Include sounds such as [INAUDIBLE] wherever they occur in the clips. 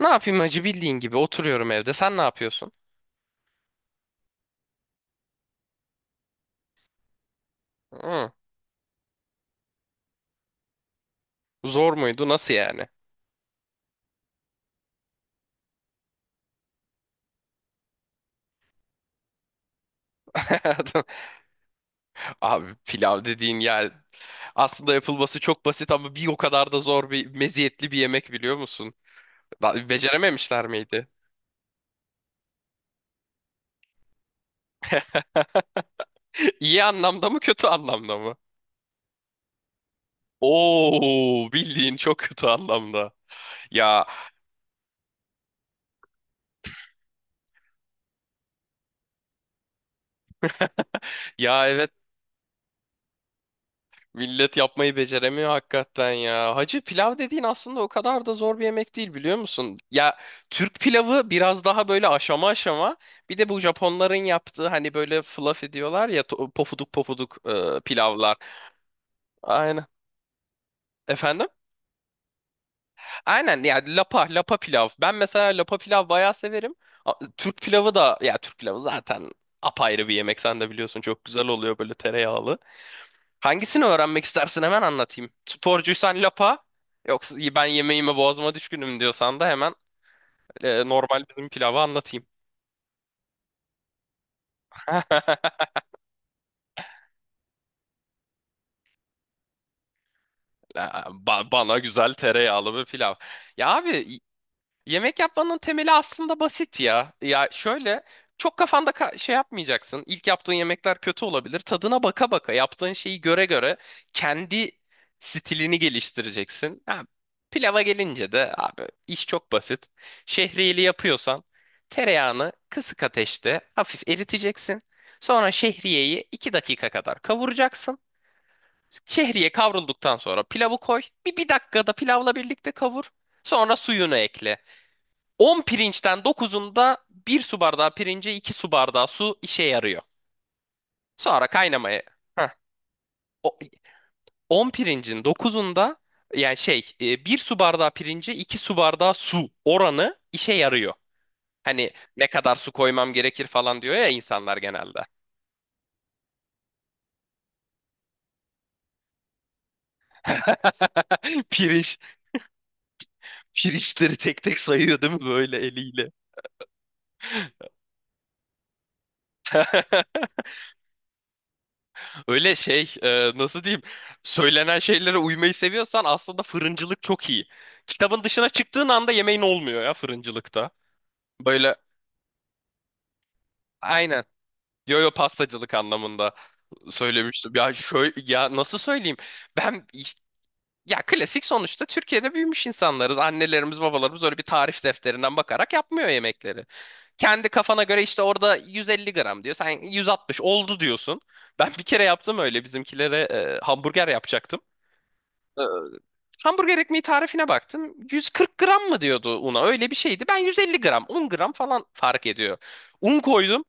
Ne yapayım hacı bildiğin gibi oturuyorum evde. Sen ne yapıyorsun? Hı, zor muydu? Nasıl yani? [LAUGHS] Abi pilav dediğin yani aslında yapılması çok basit ama bir o kadar da zor bir meziyetli bir yemek biliyor musun? Becerememişler miydi? [LAUGHS] İyi anlamda mı kötü anlamda mı? Oo, bildiğin çok kötü anlamda. Ya ya evet. Millet yapmayı beceremiyor hakikaten ya. Hacı pilav dediğin aslında o kadar da zor bir yemek değil biliyor musun? Ya, Türk pilavı biraz daha böyle aşama aşama. Bir de bu Japonların yaptığı hani böyle fluffy diyorlar ya, pofuduk pofuduk pilavlar. Aynen. Efendim? Aynen, yani lapa lapa pilav. Ben mesela lapa pilav bayağı severim. Türk pilavı da, ya Türk pilavı zaten apayrı bir yemek, sen de biliyorsun, çok güzel oluyor böyle tereyağlı. Hangisini öğrenmek istersin, hemen anlatayım. Sporcuysan lapa, yoksa ben yemeğime boğazıma düşkünüm diyorsan da hemen normal bizim pilavı anlatayım. [LAUGHS] Bana güzel tereyağlı bir pilav. Ya abi, yemek yapmanın temeli aslında basit ya. Ya şöyle, çok kafanda şey yapmayacaksın. İlk yaptığın yemekler kötü olabilir. Tadına baka baka, yaptığın şeyi göre göre kendi stilini geliştireceksin. Ha, pilava gelince de abi iş çok basit. Şehriyeli yapıyorsan tereyağını kısık ateşte hafif eriteceksin. Sonra şehriyeyi 2 dakika kadar kavuracaksın. Şehriye kavrulduktan sonra pilavı koy. Bir dakikada pilavla birlikte kavur. Sonra suyunu ekle. 10 pirinçten 9'unda 1 su bardağı pirince 2 su bardağı su işe yarıyor. Sonra kaynamaya. Heh. O, 10 pirincin 9'unda, yani şey, 1 su bardağı pirince 2 su bardağı su oranı işe yarıyor. Hani ne kadar su koymam gerekir falan diyor ya insanlar genelde. [LAUGHS] Pirinç, pirinçleri tek tek sayıyor değil mi böyle eliyle? [LAUGHS] Öyle şey, nasıl diyeyim, söylenen şeylere uymayı seviyorsan aslında fırıncılık çok iyi. Kitabın dışına çıktığın anda yemeğin olmuyor ya fırıncılıkta. Böyle, aynen. Yo yo, pastacılık anlamında söylemiştim. Ya şöyle, ya nasıl söyleyeyim? Ben, ya klasik, sonuçta Türkiye'de büyümüş insanlarız. Annelerimiz, babalarımız öyle bir tarif defterinden bakarak yapmıyor yemekleri. Kendi kafana göre işte orada 150 gram diyor. Sen 160 oldu diyorsun. Ben bir kere yaptım öyle bizimkilere, hamburger yapacaktım. Hamburger ekmeği tarifine baktım. 140 gram mı diyordu una? Öyle bir şeydi. Ben 150 gram, 10 gram falan fark ediyor. Un koydum,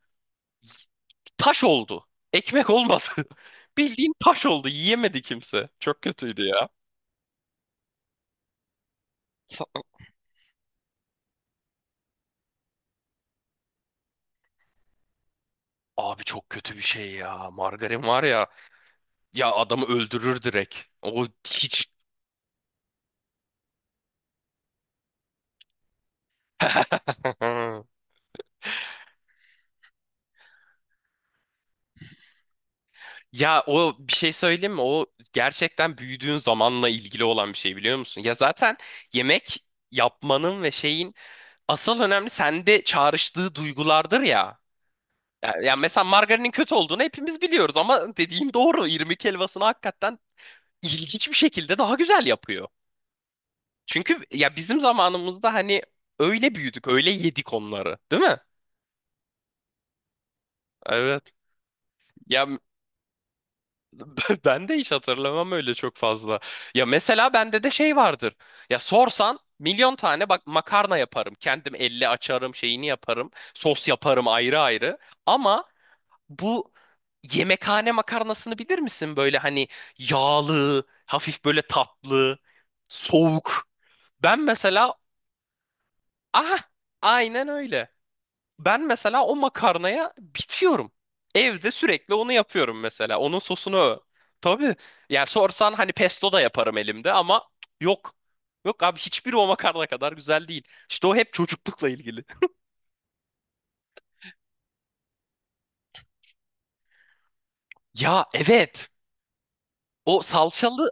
taş oldu. Ekmek olmadı. [LAUGHS] Bildiğin taş oldu. Yiyemedi kimse. Çok kötüydü ya. Sa- Abi çok kötü bir şey ya. Margarin var ya. Ya adamı öldürür direkt. O hiç... [LAUGHS] Ya o, bir şey söyleyeyim mi? O gerçekten büyüdüğün zamanla ilgili olan bir şey biliyor musun? Ya zaten yemek yapmanın ve şeyin asıl önemli sende çağrıştığı duygulardır ya. Ya, mesela margarinin kötü olduğunu hepimiz biliyoruz ama dediğin doğru. İrmik helvasını hakikaten ilginç bir şekilde daha güzel yapıyor. Çünkü ya bizim zamanımızda hani öyle büyüdük, öyle yedik onları, değil mi? Evet. Ya [LAUGHS] ben de hiç hatırlamam öyle çok fazla. Ya mesela bende de şey vardır. Ya sorsan milyon tane bak makarna yaparım. Kendim elle açarım, şeyini yaparım. Sos yaparım ayrı ayrı. Ama bu yemekhane makarnasını bilir misin? Böyle hani yağlı, hafif böyle tatlı, soğuk. Ben mesela, aha, aynen öyle. Ben mesela o makarnaya bitiyorum. Evde sürekli onu yapıyorum mesela. Onun sosunu o. Tabii. Yani sorsan hani pesto da yaparım elimde ama yok. Yok abi, hiçbiri o makarna kadar güzel değil. İşte o hep çocuklukla ilgili. [LAUGHS] Ya evet. O salçalı.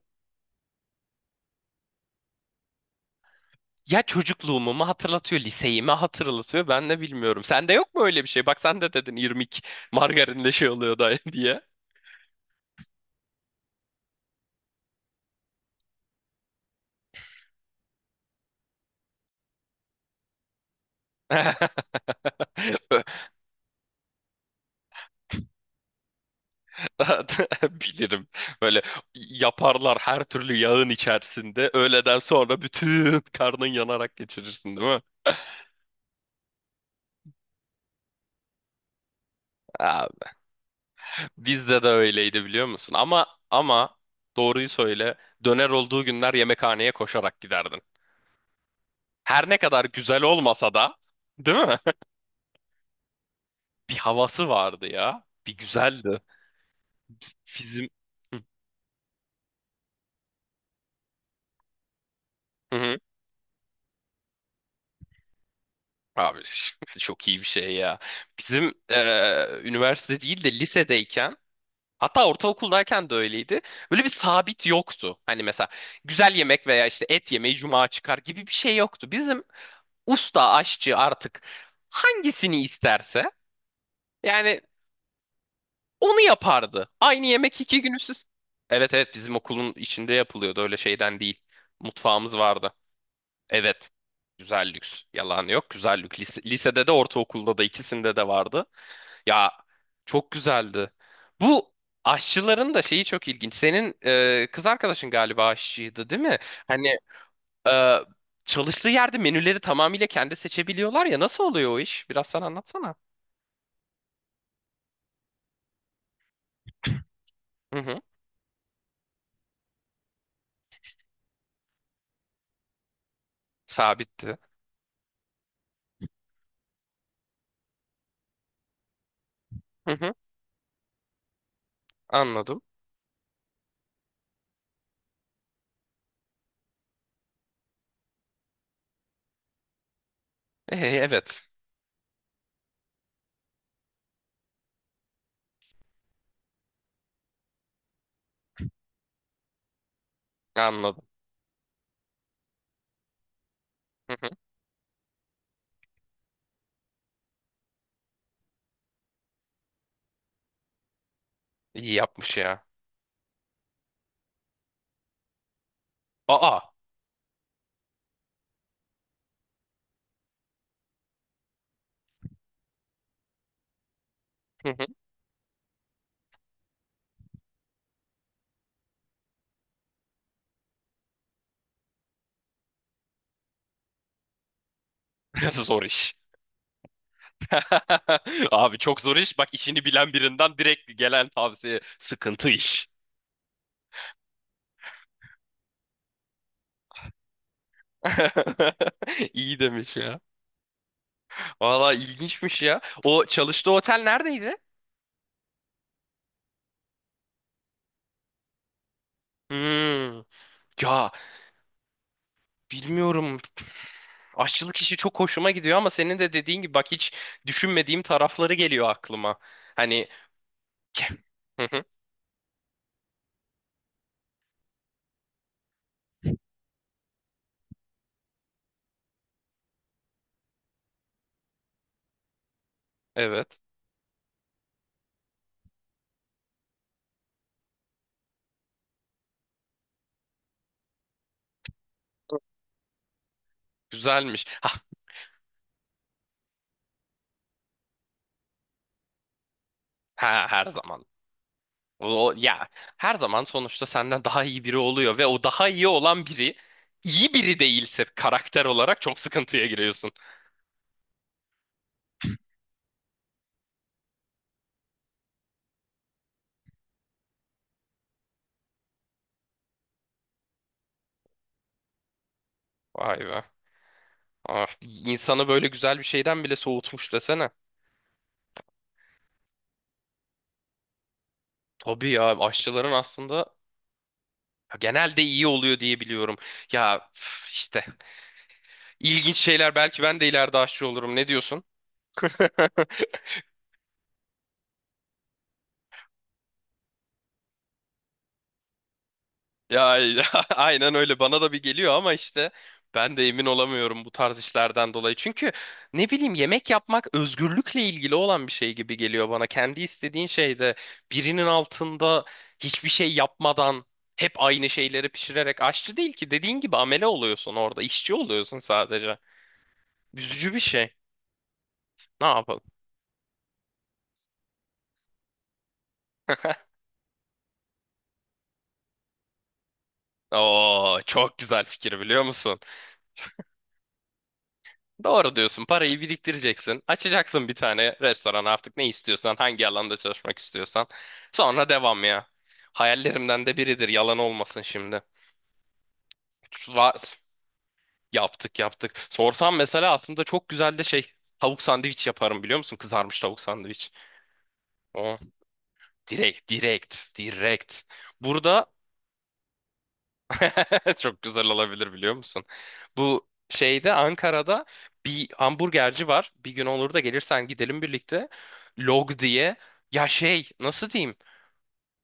Ya çocukluğumu mu hatırlatıyor, liseyi mi hatırlatıyor ben de bilmiyorum. Sende yok mu öyle bir şey? Bak sen de dedin, irmik margarinle şey oluyor da [LAUGHS] diye. [LAUGHS] Bilirim. Böyle yaparlar her türlü yağın içerisinde. Öğleden sonra bütün karnın yanarak geçirirsin değil mi? Abi, bizde de öyleydi biliyor musun? Ama doğruyu söyle. Döner olduğu günler yemekhaneye koşarak giderdin. Her ne kadar güzel olmasa da, değil mi? Bir havası vardı ya. Bir güzeldi. Bizim. Hı hı. Abi [LAUGHS] çok iyi bir şey ya. Bizim üniversite değil de lisedeyken, hatta ortaokuldayken de öyleydi. Böyle bir sabit yoktu. Hani mesela güzel yemek veya işte et yemeği cuma çıkar gibi bir şey yoktu. Bizim usta aşçı artık hangisini isterse yani onu yapardı. Aynı yemek 2 gün üst üste. Evet evet, bizim okulun içinde yapılıyordu öyle şeyden değil. Mutfağımız vardı. Evet. Güzel lüks. Yalan yok. Güzel lüks. Lisede de ortaokulda da ikisinde de vardı. Ya çok güzeldi. Bu aşçıların da şeyi çok ilginç. Senin kız arkadaşın galiba aşçıydı, değil mi? Hani e, çalıştığı yerde menüleri tamamıyla kendi seçebiliyorlar ya. Nasıl oluyor o iş? Biraz sen anlatsana. Hı hı. Sabitti. Hı hı. Anladım. E, evet. Anladım. Hı hı. İyi yapmış ya. Aa. Hı hı. [LAUGHS] Zor iş. [LAUGHS] Abi çok zor iş. Bak, işini bilen birinden direkt gelen tavsiye sıkıntı iş. [LAUGHS] İyi demiş ya. Valla ilginçmiş ya. O çalıştığı otel neredeydi? Hmm. Ya bilmiyorum. Aşçılık işi çok hoşuma gidiyor ama senin de dediğin gibi bak hiç düşünmediğim tarafları geliyor aklıma. Hani [LAUGHS] Hı hı, evet. Güzelmiş. Ha, ha, her zaman. O, ya her zaman sonuçta senden daha iyi biri oluyor ve o daha iyi olan biri iyi biri değilse karakter olarak çok sıkıntıya giriyorsun. Vay be. Ah, insanı böyle güzel bir şeyden bile soğutmuş desene. Tabii ya, aşçıların aslında ya genelde iyi oluyor diye biliyorum. Ya üf, işte ilginç şeyler, belki ben de ileride aşçı olurum. Ne diyorsun? [LAUGHS] Ya [LAUGHS] aynen öyle, bana da bir geliyor ama işte ben de emin olamıyorum bu tarz işlerden dolayı. Çünkü ne bileyim, yemek yapmak özgürlükle ilgili olan bir şey gibi geliyor bana. Kendi istediğin şeyde, birinin altında hiçbir şey yapmadan hep aynı şeyleri pişirerek aşçı değil ki, dediğin gibi amele oluyorsun orada, işçi oluyorsun sadece. Üzücü bir şey. Ne yapalım? [LAUGHS] Oo, çok güzel fikir biliyor musun? Doğru diyorsun. Parayı biriktireceksin. Açacaksın bir tane restoran, artık ne istiyorsan, hangi alanda çalışmak istiyorsan. Sonra devam ya. Hayallerimden de biridir. Yalan olmasın şimdi. Va- Yaptık yaptık. Sorsam mesela aslında çok güzel de şey, tavuk sandviç yaparım biliyor musun? Kızarmış tavuk sandviç. O direkt direkt direkt. Burada [LAUGHS] çok güzel olabilir biliyor musun? Bu şeyde Ankara'da bir hamburgerci var. Bir gün olur da gelirsen gidelim birlikte. Log diye. Ya şey, nasıl diyeyim?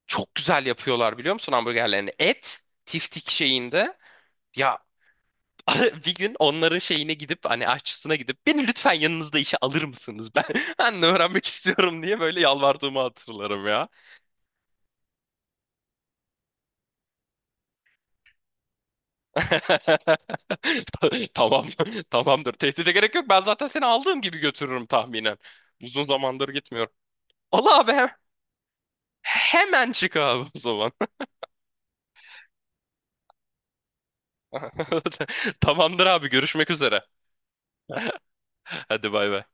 Çok güzel yapıyorlar biliyor musun hamburgerlerini? Et tiftik şeyinde. Ya [LAUGHS] bir gün onların şeyine gidip hani aşçısına gidip, beni lütfen yanınızda işe alır mısınız? Ben [LAUGHS] ben de öğrenmek istiyorum diye böyle yalvardığımı hatırlarım ya. [LAUGHS] Tamam, [LAUGHS] tamamdır. Tehdide gerek yok. Ben zaten seni aldığım gibi götürürüm tahminen. Uzun zamandır gitmiyorum. Ola abi, hemen çık abi o zaman. [LAUGHS] Tamamdır abi, görüşmek üzere. Hadi bay bay.